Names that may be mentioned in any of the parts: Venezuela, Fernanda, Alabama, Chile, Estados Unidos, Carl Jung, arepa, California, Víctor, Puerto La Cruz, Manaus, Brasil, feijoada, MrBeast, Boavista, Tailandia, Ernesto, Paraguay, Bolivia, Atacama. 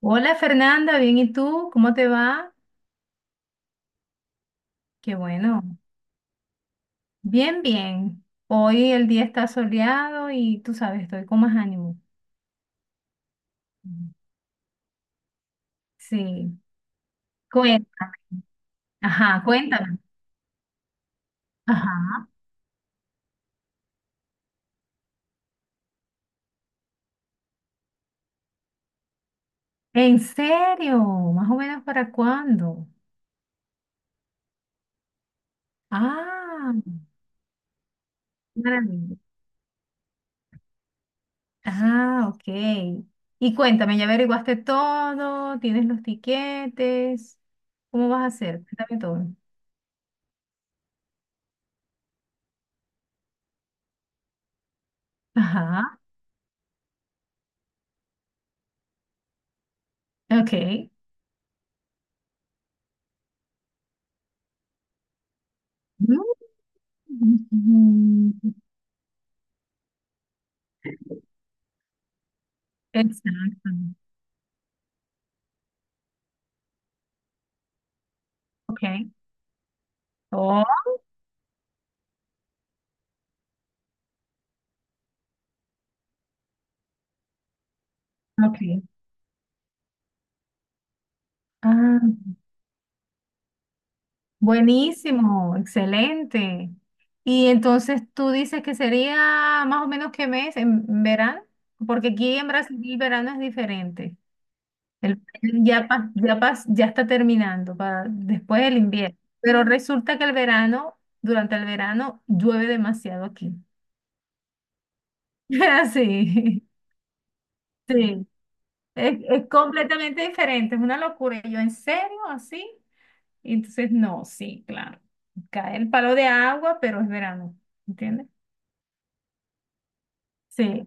Hola Fernanda, bien, ¿y tú? ¿Cómo te va? Qué bueno. Bien, bien. Hoy el día está soleado y tú sabes, estoy con más ánimo. Mm. Sí, cuéntame. Ajá, cuéntame. Ajá. ¿En serio? ¿Más o menos para cuándo? Ah, qué maravilla. Ah, ok. Y cuéntame, ¿ya averiguaste todo? ¿Tienes los tiquetes? ¿Cómo vas a hacer? Cuéntame todo. Ajá, ok. Mm. mm, mm. Exacto. Ok. Oh, ok. Ah, buenísimo, excelente. Y entonces tú dices que sería más o menos qué mes en verano, porque aquí en Brasil el verano es diferente. El, ya, pas- ya, pas- ya está terminando para después del invierno. Pero resulta que el verano, durante el verano, llueve demasiado aquí. Sí, sí. Es completamente diferente, es una locura. Y yo, ¿en serio? ¿Así? Entonces, no, sí, claro. Cae el palo de agua, pero es verano, ¿entiendes? Sí.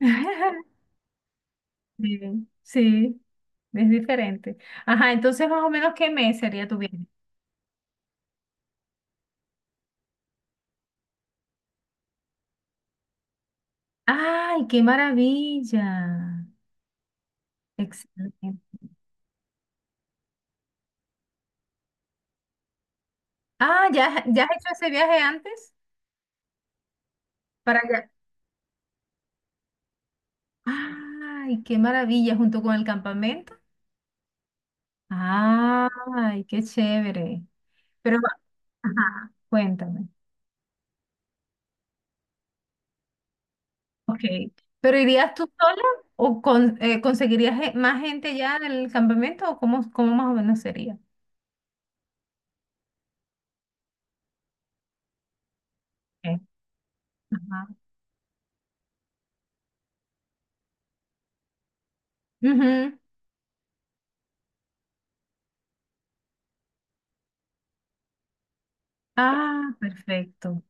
Sí, sí, es diferente. Ajá, entonces más o menos ¿qué mes sería tu viaje? ¡Ay, qué maravilla! Excelente. Ah, ¿ya, ya has hecho ese viaje antes? Para allá. ¡Ay, qué maravilla! Junto con el campamento. ¡Ay, qué chévere! Pero, ajá, cuéntame. Ok, pero ¿irías tú sola o con- conseguirías ge- más gente ya en el campamento o cómo, cómo más o menos sería? Ok. Ajá. Ujú. Ah, perfecto.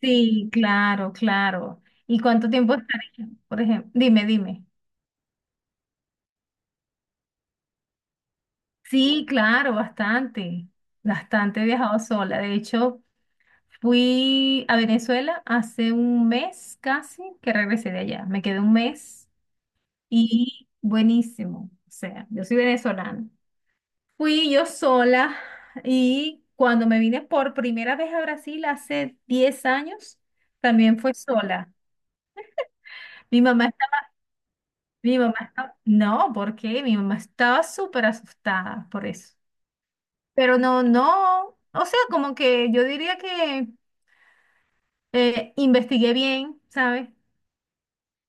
Sí, claro, claro. ¿Y cuánto tiempo estaría? Por ejemplo, dime, dime. Sí, claro, bastante, bastante he viajado sola. De hecho, fui a Venezuela hace un mes casi que regresé de allá. Me quedé un mes y buenísimo. O sea, yo soy venezolana. Fui yo sola y cuando me vine por primera vez a Brasil hace 10 años, también fue sola. Mi mamá está, mi mamá está, no, ¿por qué? Mi mamá estaba súper asustada por eso. Pero no, no, o sea, como que yo diría que investigué bien, ¿sabes?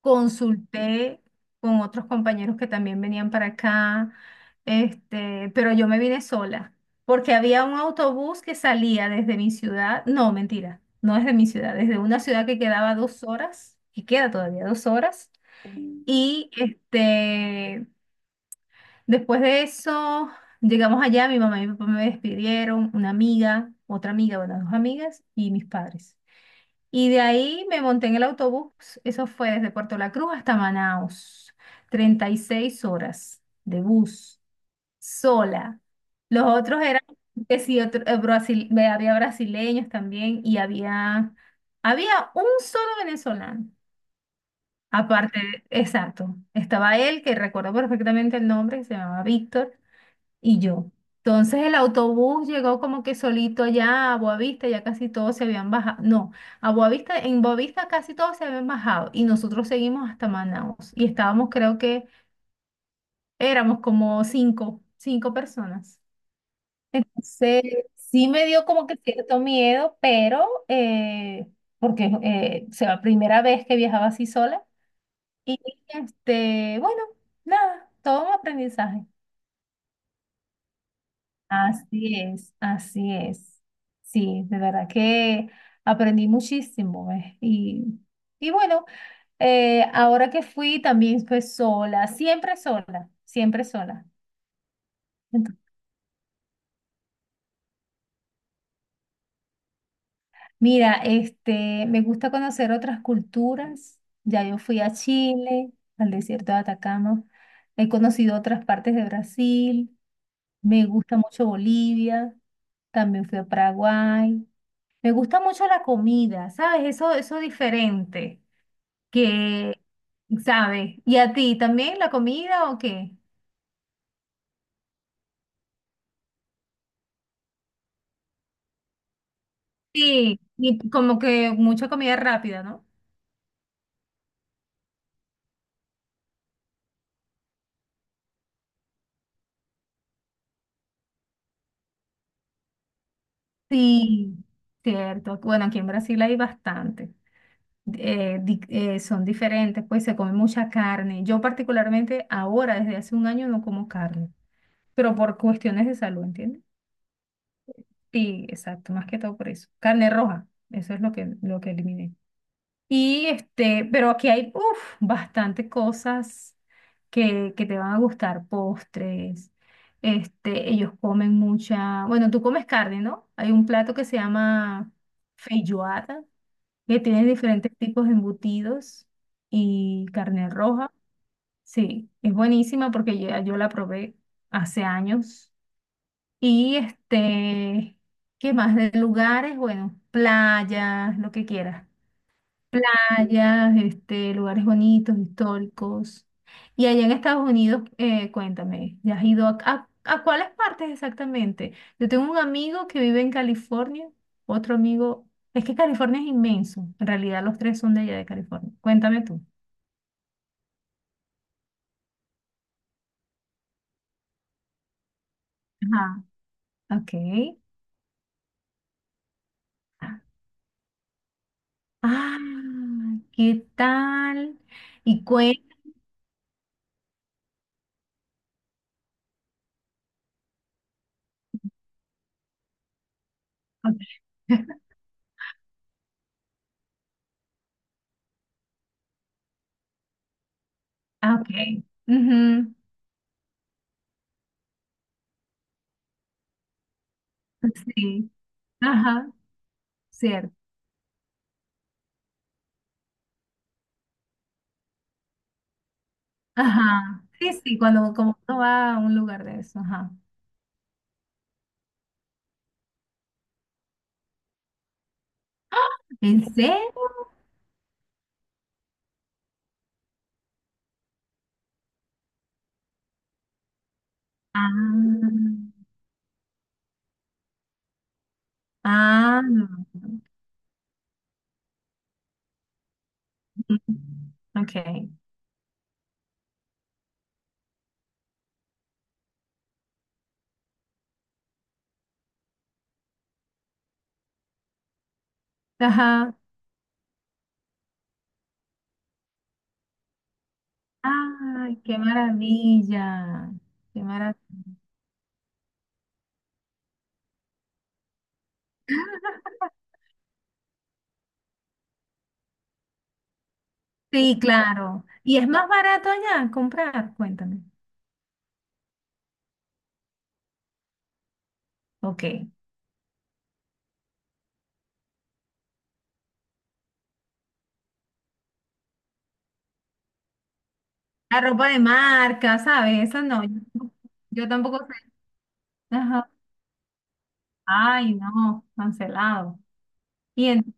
Consulté con otros compañeros que también venían para acá, este, pero yo me vine sola, porque había un autobús que salía desde mi ciudad, no, mentira, no desde mi ciudad, desde una ciudad que quedaba 2 horas, que queda todavía 2 horas, y este, después de eso llegamos allá, mi mamá y mi papá me despidieron, una amiga, otra amiga, bueno, dos amigas y mis padres. Y de ahí me monté en el autobús, eso fue desde Puerto La Cruz hasta Manaus, 36 horas de bus, sola. Los otros eran, que sí, había brasileños también y había, un solo venezolano. Aparte, exacto, estaba él, que recuerdo perfectamente el nombre, que se llamaba Víctor, y yo. Entonces el autobús llegó como que solito allá a Boavista, ya casi todos se habían bajado. No, a Boavista, en Boavista casi todos se habían bajado y nosotros seguimos hasta Manaus y estábamos, creo que éramos como cinco, cinco personas. Entonces sí me dio como que cierto miedo, pero porque o sea, la primera vez que viajaba así sola y este, bueno, nada, todo un aprendizaje. Así es, así es. Sí, de verdad que aprendí muchísimo. Y bueno, ahora que fui también fue sola, siempre sola, siempre sola. Ento- mira, este, me gusta conocer otras culturas. Ya yo fui a Chile, al desierto de Atacama. He conocido otras partes de Brasil. Me gusta mucho Bolivia. También fui a Paraguay. Me gusta mucho la comida, ¿sabes? Eso diferente, que, ¿sabes? ¿Y a ti también la comida o qué? Sí, y como que mucha comida rápida, ¿no? Sí, cierto. Bueno, aquí en Brasil hay bastante. Son diferentes, pues se come mucha carne. Yo particularmente ahora, desde hace un año, no como carne, pero por cuestiones de salud, ¿entiendes? Sí, exacto, más que todo por eso. Carne roja, eso es lo que eliminé. Y este, pero aquí hay uf, bastante cosas que te van a gustar, postres. Este, ellos comen mucha, bueno, tú comes carne, ¿no? Hay un plato que se llama feijoada, que tiene diferentes tipos de embutidos y carne roja. Sí, es buenísima porque ya yo la probé hace años. Y este, ¿qué más de lugares? Bueno, playas, lo que quieras playas, este, lugares bonitos, históricos. Y allá en Estados Unidos, cuéntame, ¿ya has ido a cuáles partes exactamente? Yo tengo un amigo que vive en California, otro amigo, es que California es inmenso, en realidad los tres son de allá de California. Cuéntame tú. Ajá. Ok. Ah, ¿qué tal? Y cuéntame. Ok. Ujú, sí. Ajá. Cierto. Ajá. Sí, sí, cuando como uno va a un lugar de eso, ajá. ¿En serio? Ah, ah, no. Ok. Ajá. Ay, qué maravilla. Qué maravilla. Sí, claro. ¿Y es más barato allá comprar? Cuéntame. Ok. La ropa de marca, ¿sabes? Eso no. Yo tampoco sé. Ajá. Ay, no, cancelado. Y en-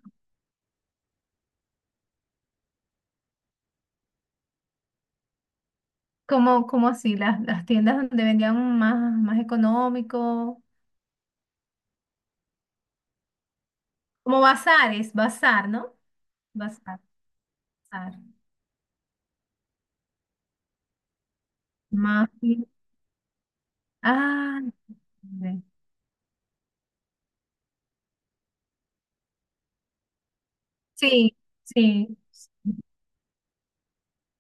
como así, las tiendas donde vendían más, más económico, como bazares, bazar, ¿no? Bazar, bazar. Más. Ah, ve. Sí, sí.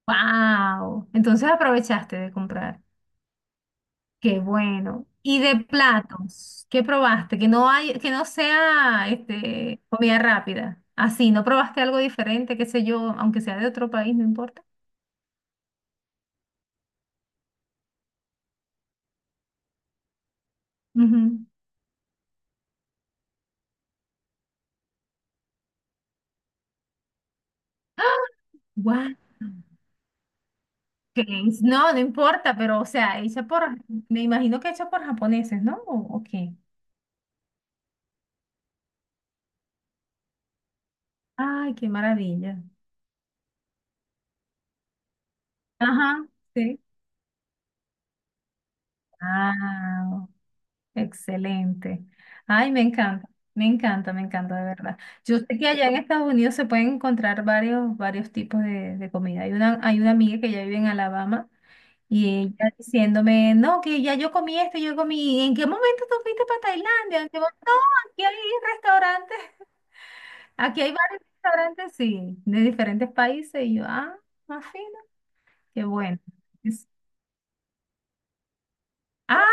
Wow. Entonces aprovechaste de comprar. Qué bueno. Y de platos, ¿qué probaste? Que no hay, que no sea este, comida rápida. Así, ¿no probaste algo diferente, qué sé yo, aunque sea de otro país, no importa? Ujú. ¡Ah! Guau. Que No, no importa, pero o sea, hecha por, me imagino que hecha por japoneses, ¿no? ¿O qué? Ay, qué maravilla. Ajá, sí. Ah, excelente. Ay, me encanta, me encanta, me encanta, de verdad. Yo sé que allá en Estados Unidos se pueden encontrar varios, varios tipos de comida. Hay una amiga que ya vive en Alabama y ella diciéndome, no, que ya yo comí esto, yo comí, ¿en qué momento tú fuiste para Tailandia? Y yo, no, aquí hay restaurantes. Aquí hay varios restaurantes, sí, de diferentes países. Y yo, ah, más fino, qué bueno. Es- ah,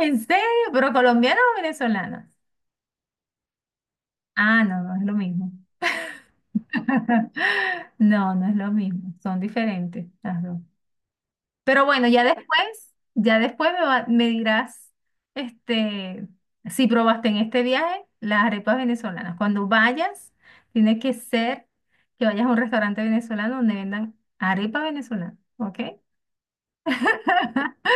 ¿en serio? ¿Pero colombianos o venezolanas? Ah, no, no es lo mismo. No, no es lo mismo. Son diferentes las dos. Pero bueno, ya después me dirás, este, si probaste en este viaje las arepas venezolanas. Cuando vayas, tiene que ser que vayas a un restaurante venezolano donde vendan arepa venezolana, ¿ok?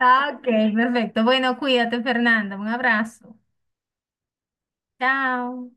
Ah, ok, perfecto. Bueno, cuídate, Fernanda. Un abrazo. Chao.